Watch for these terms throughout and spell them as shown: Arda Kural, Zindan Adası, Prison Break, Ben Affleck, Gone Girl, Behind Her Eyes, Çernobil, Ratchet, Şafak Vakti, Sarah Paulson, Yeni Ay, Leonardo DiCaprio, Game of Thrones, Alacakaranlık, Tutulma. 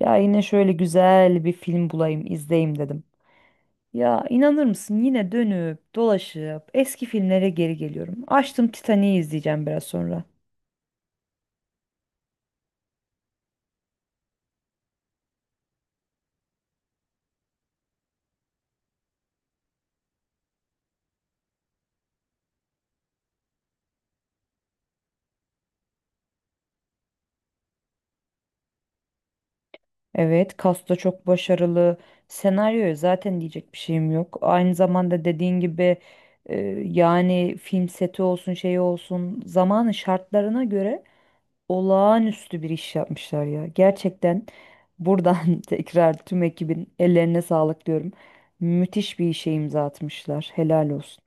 Ya yine şöyle güzel bir film bulayım, izleyeyim dedim. Ya inanır mısın yine dönüp dolaşıp eski filmlere geri geliyorum. Açtım Titanic'i izleyeceğim biraz sonra. Evet, kasta çok başarılı. Senaryoya zaten diyecek bir şeyim yok. Aynı zamanda dediğin gibi e, yani film seti olsun şey olsun zamanın şartlarına göre olağanüstü bir iş yapmışlar ya. Gerçekten buradan tekrar tüm ekibin ellerine sağlık diyorum. Müthiş bir işe imza atmışlar. Helal olsun.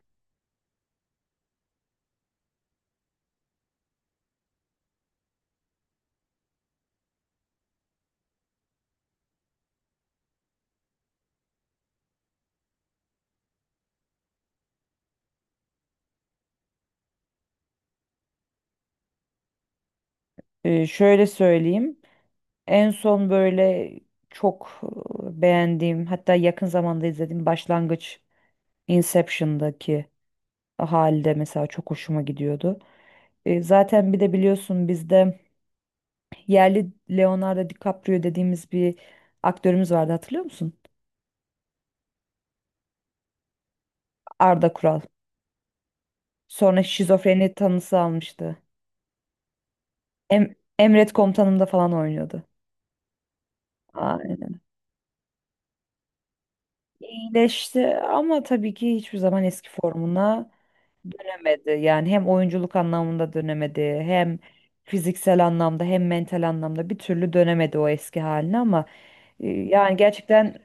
Şöyle söyleyeyim. En son böyle çok beğendiğim hatta yakın zamanda izlediğim Başlangıç, Inception'daki halde mesela çok hoşuma gidiyordu. Zaten bir de biliyorsun bizde yerli Leonardo DiCaprio dediğimiz bir aktörümüz vardı, hatırlıyor musun? Arda Kural. Sonra şizofreni tanısı almıştı. Emret Komutanım'da falan oynuyordu. Aynen. İyileşti ama tabii ki hiçbir zaman eski formuna dönemedi. Yani hem oyunculuk anlamında dönemedi, hem fiziksel anlamda, hem mental anlamda bir türlü dönemedi o eski haline ama yani gerçekten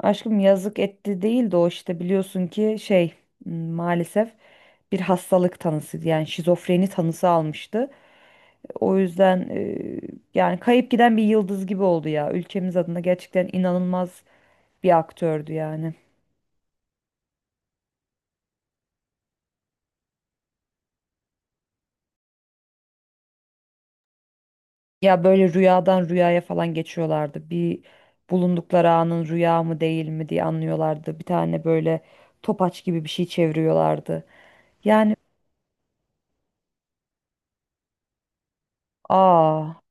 aşkım yazık etti değil de o işte biliyorsun ki maalesef bir hastalık tanısıydı. Yani şizofreni tanısı almıştı. O yüzden yani kayıp giden bir yıldız gibi oldu ya. Ülkemiz adına gerçekten inanılmaz bir aktördü yani. Ya böyle rüyadan rüyaya falan geçiyorlardı. Bir bulundukları anın rüya mı değil mi diye anlıyorlardı. Bir tane böyle topaç gibi bir şey çeviriyorlardı. Yani aa,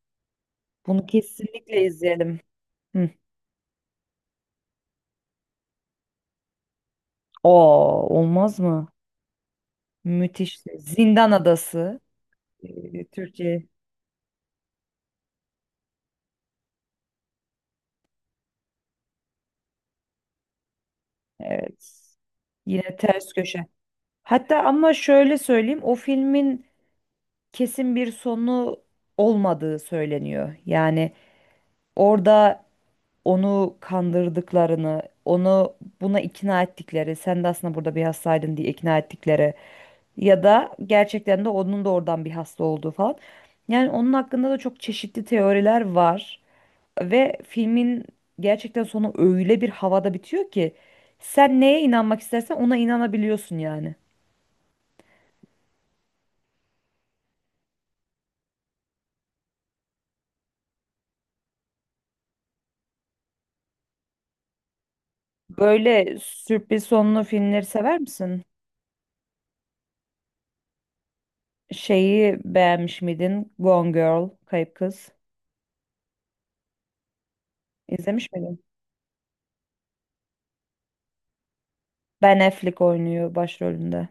bunu kesinlikle izleyelim. Hı. Aa, olmaz mı? Müthiş. Zindan Adası. Türkçe. Evet. Yine ters köşe. Hatta ama şöyle söyleyeyim, o filmin kesin bir sonu olmadığı söyleniyor. Yani orada onu kandırdıklarını, onu buna ikna ettikleri, sen de aslında burada bir hastaydın diye ikna ettikleri ya da gerçekten de onun da oradan bir hasta olduğu falan. Yani onun hakkında da çok çeşitli teoriler var ve filmin gerçekten sonu öyle bir havada bitiyor ki sen neye inanmak istersen ona inanabiliyorsun yani. Böyle sürpriz sonlu filmleri sever misin? Şeyi beğenmiş miydin? Gone Girl, Kayıp Kız. İzlemiş miydin? Ben Affleck oynuyor başrolünde.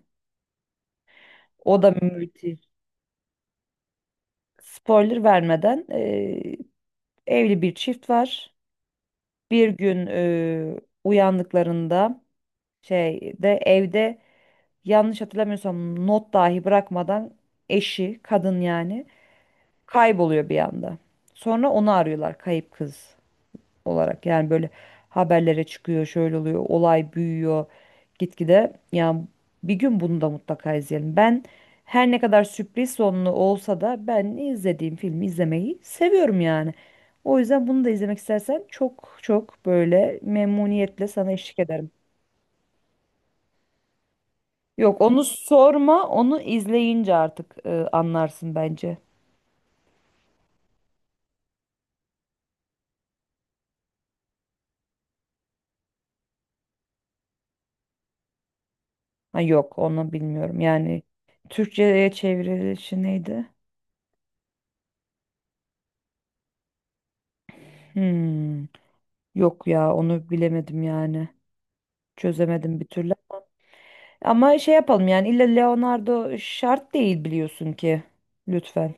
O da müthiş. Spoiler vermeden evli bir çift var. Bir gün uyandıklarında şeyde, evde, yanlış hatırlamıyorsam not dahi bırakmadan eşi, kadın yani, kayboluyor bir anda. Sonra onu arıyorlar kayıp kız olarak. Yani böyle haberlere çıkıyor, şöyle oluyor, olay büyüyor gitgide. Yani bir gün bunu da mutlaka izleyelim. Ben her ne kadar sürpriz sonlu olsa da ben izlediğim filmi izlemeyi seviyorum yani. O yüzden bunu da izlemek istersen çok çok böyle memnuniyetle sana eşlik ederim. Yok onu sorma, onu izleyince artık anlarsın bence. Ha, yok onu bilmiyorum. Yani Türkçe'ye çevrilişi neydi? Hmm. Yok ya, onu bilemedim yani. Çözemedim bir türlü. Ama şey yapalım, yani illa Leonardo şart değil biliyorsun ki. Lütfen.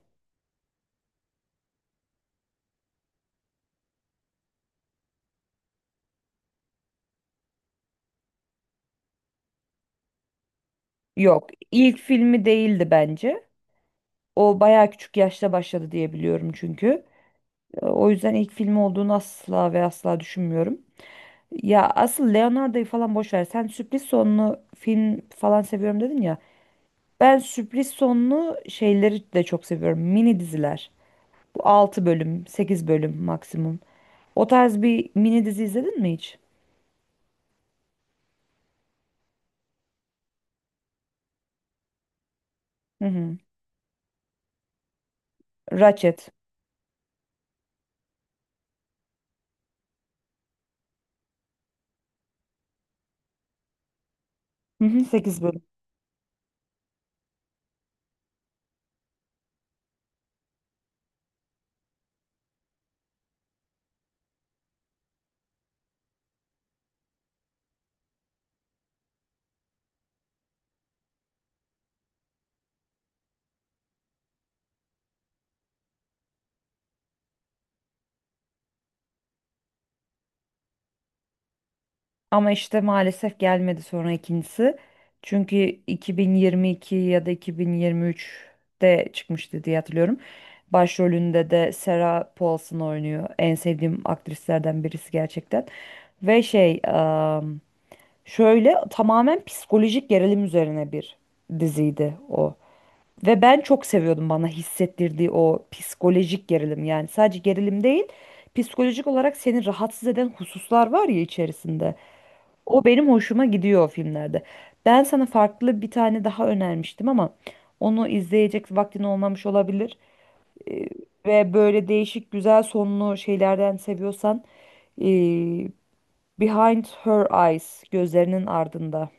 Yok, ilk filmi değildi bence. O bayağı küçük yaşta başladı diye biliyorum çünkü. O yüzden ilk filmi olduğunu asla ve asla düşünmüyorum. Ya asıl Leonardo'yu falan boş ver. Sen sürpriz sonlu film falan seviyorum dedin ya. Ben sürpriz sonlu şeyleri de çok seviyorum. Mini diziler. Bu 6 bölüm, 8 bölüm maksimum. O tarz bir mini dizi izledin mi hiç? Hı hı. Ratchet. Hı hı, 8 bölüm. Ama işte maalesef gelmedi sonra ikincisi. Çünkü 2022 ya da 2023'te çıkmıştı diye hatırlıyorum. Başrolünde de Sarah Paulson oynuyor. En sevdiğim aktrislerden birisi gerçekten. Ve şey, ım, Şöyle tamamen psikolojik gerilim üzerine bir diziydi o. Ve ben çok seviyordum bana hissettirdiği o psikolojik gerilim. Yani sadece gerilim değil, psikolojik olarak seni rahatsız eden hususlar var ya içerisinde. O benim hoşuma gidiyor o filmlerde. Ben sana farklı bir tane daha önermiştim ama onu izleyecek vaktin olmamış olabilir. Ee, Ve böyle değişik güzel sonlu şeylerden seviyorsan ee, Behind Her Eyes, gözlerinin ardında.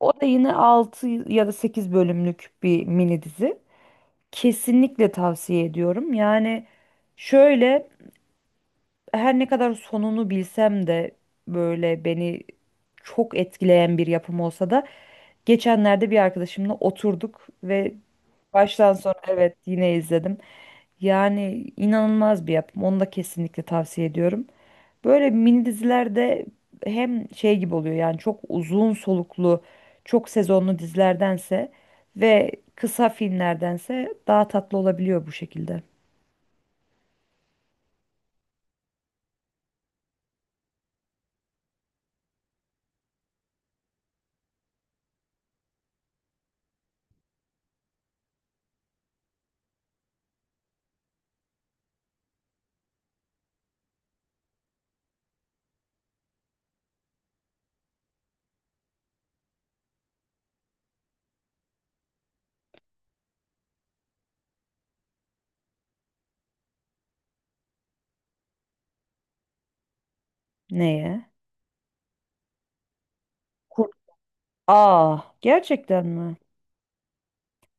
O da yine 6 ya da 8 bölümlük bir mini dizi. Kesinlikle tavsiye ediyorum. Yani şöyle, her ne kadar sonunu bilsem de böyle beni çok etkileyen bir yapım olsa da geçenlerde bir arkadaşımla oturduk ve baştan sona, evet, yine izledim. Yani inanılmaz bir yapım. Onu da kesinlikle tavsiye ediyorum. Böyle mini dizilerde hem şey gibi oluyor, yani çok uzun soluklu, çok sezonlu dizilerdense ve kısa filmlerdense daha tatlı olabiliyor bu şekilde. Neye? Kur. Aa, gerçekten mi?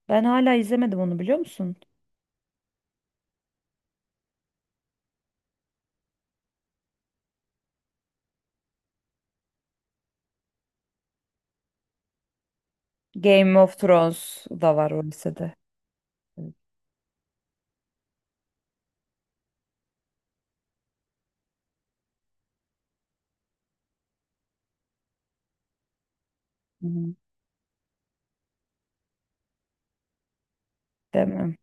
Ben hala izlemedim onu, biliyor musun? Game of Thrones da var o lisede. Evet. Hı hı. Değil mi?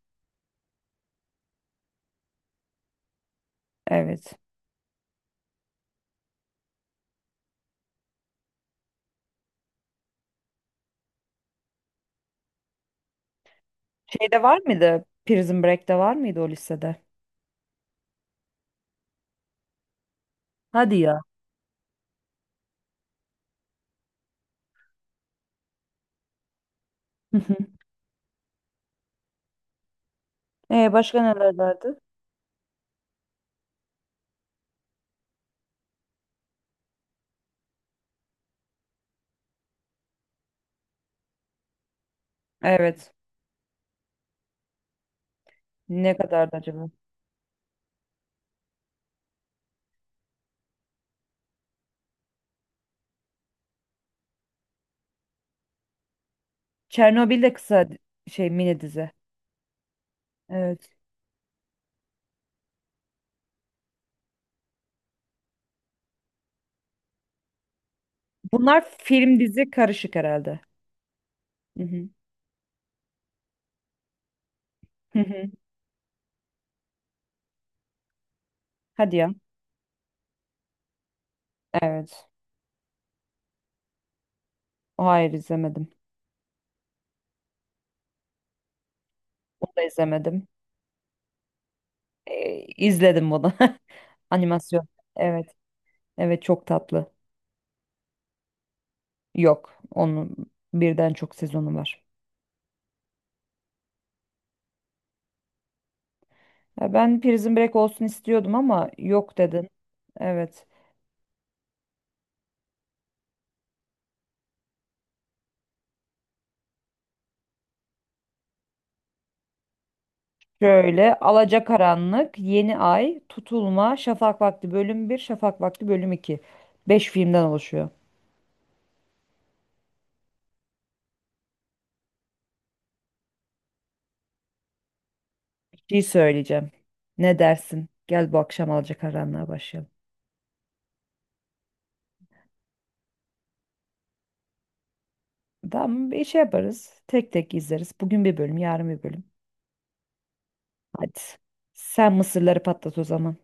Evet. Şeyde var mıydı? Prison Break'te var mıydı o lisede? Hadi ya. Hı hı. E başka neler vardı? Evet. Ne kadardı acaba? Çernobil de kısa di- şey, mini dizi. Evet. Bunlar film dizi karışık herhalde. Hı hı. Hı hı. Hadi ya. Evet. O hayır, izlemedim. Onu da izlemedim. İzledim bunu. Animasyon. Evet. Evet, çok tatlı. Yok. Onun birden çok sezonu var. Ya ben Prison Break olsun istiyordum ama yok dedin. Evet. Şöyle: Alacakaranlık, Yeni Ay, Tutulma, Şafak Vakti bölüm bir, Şafak Vakti bölüm 2. 5 filmden oluşuyor. Bir şey söyleyeceğim. Ne dersin? Gel bu akşam Alacakaranlığa başlayalım. Tamam, bir şey yaparız. Tek tek izleriz. Bugün bir bölüm, yarın bir bölüm. Hadi. Sen mısırları patlat o zaman.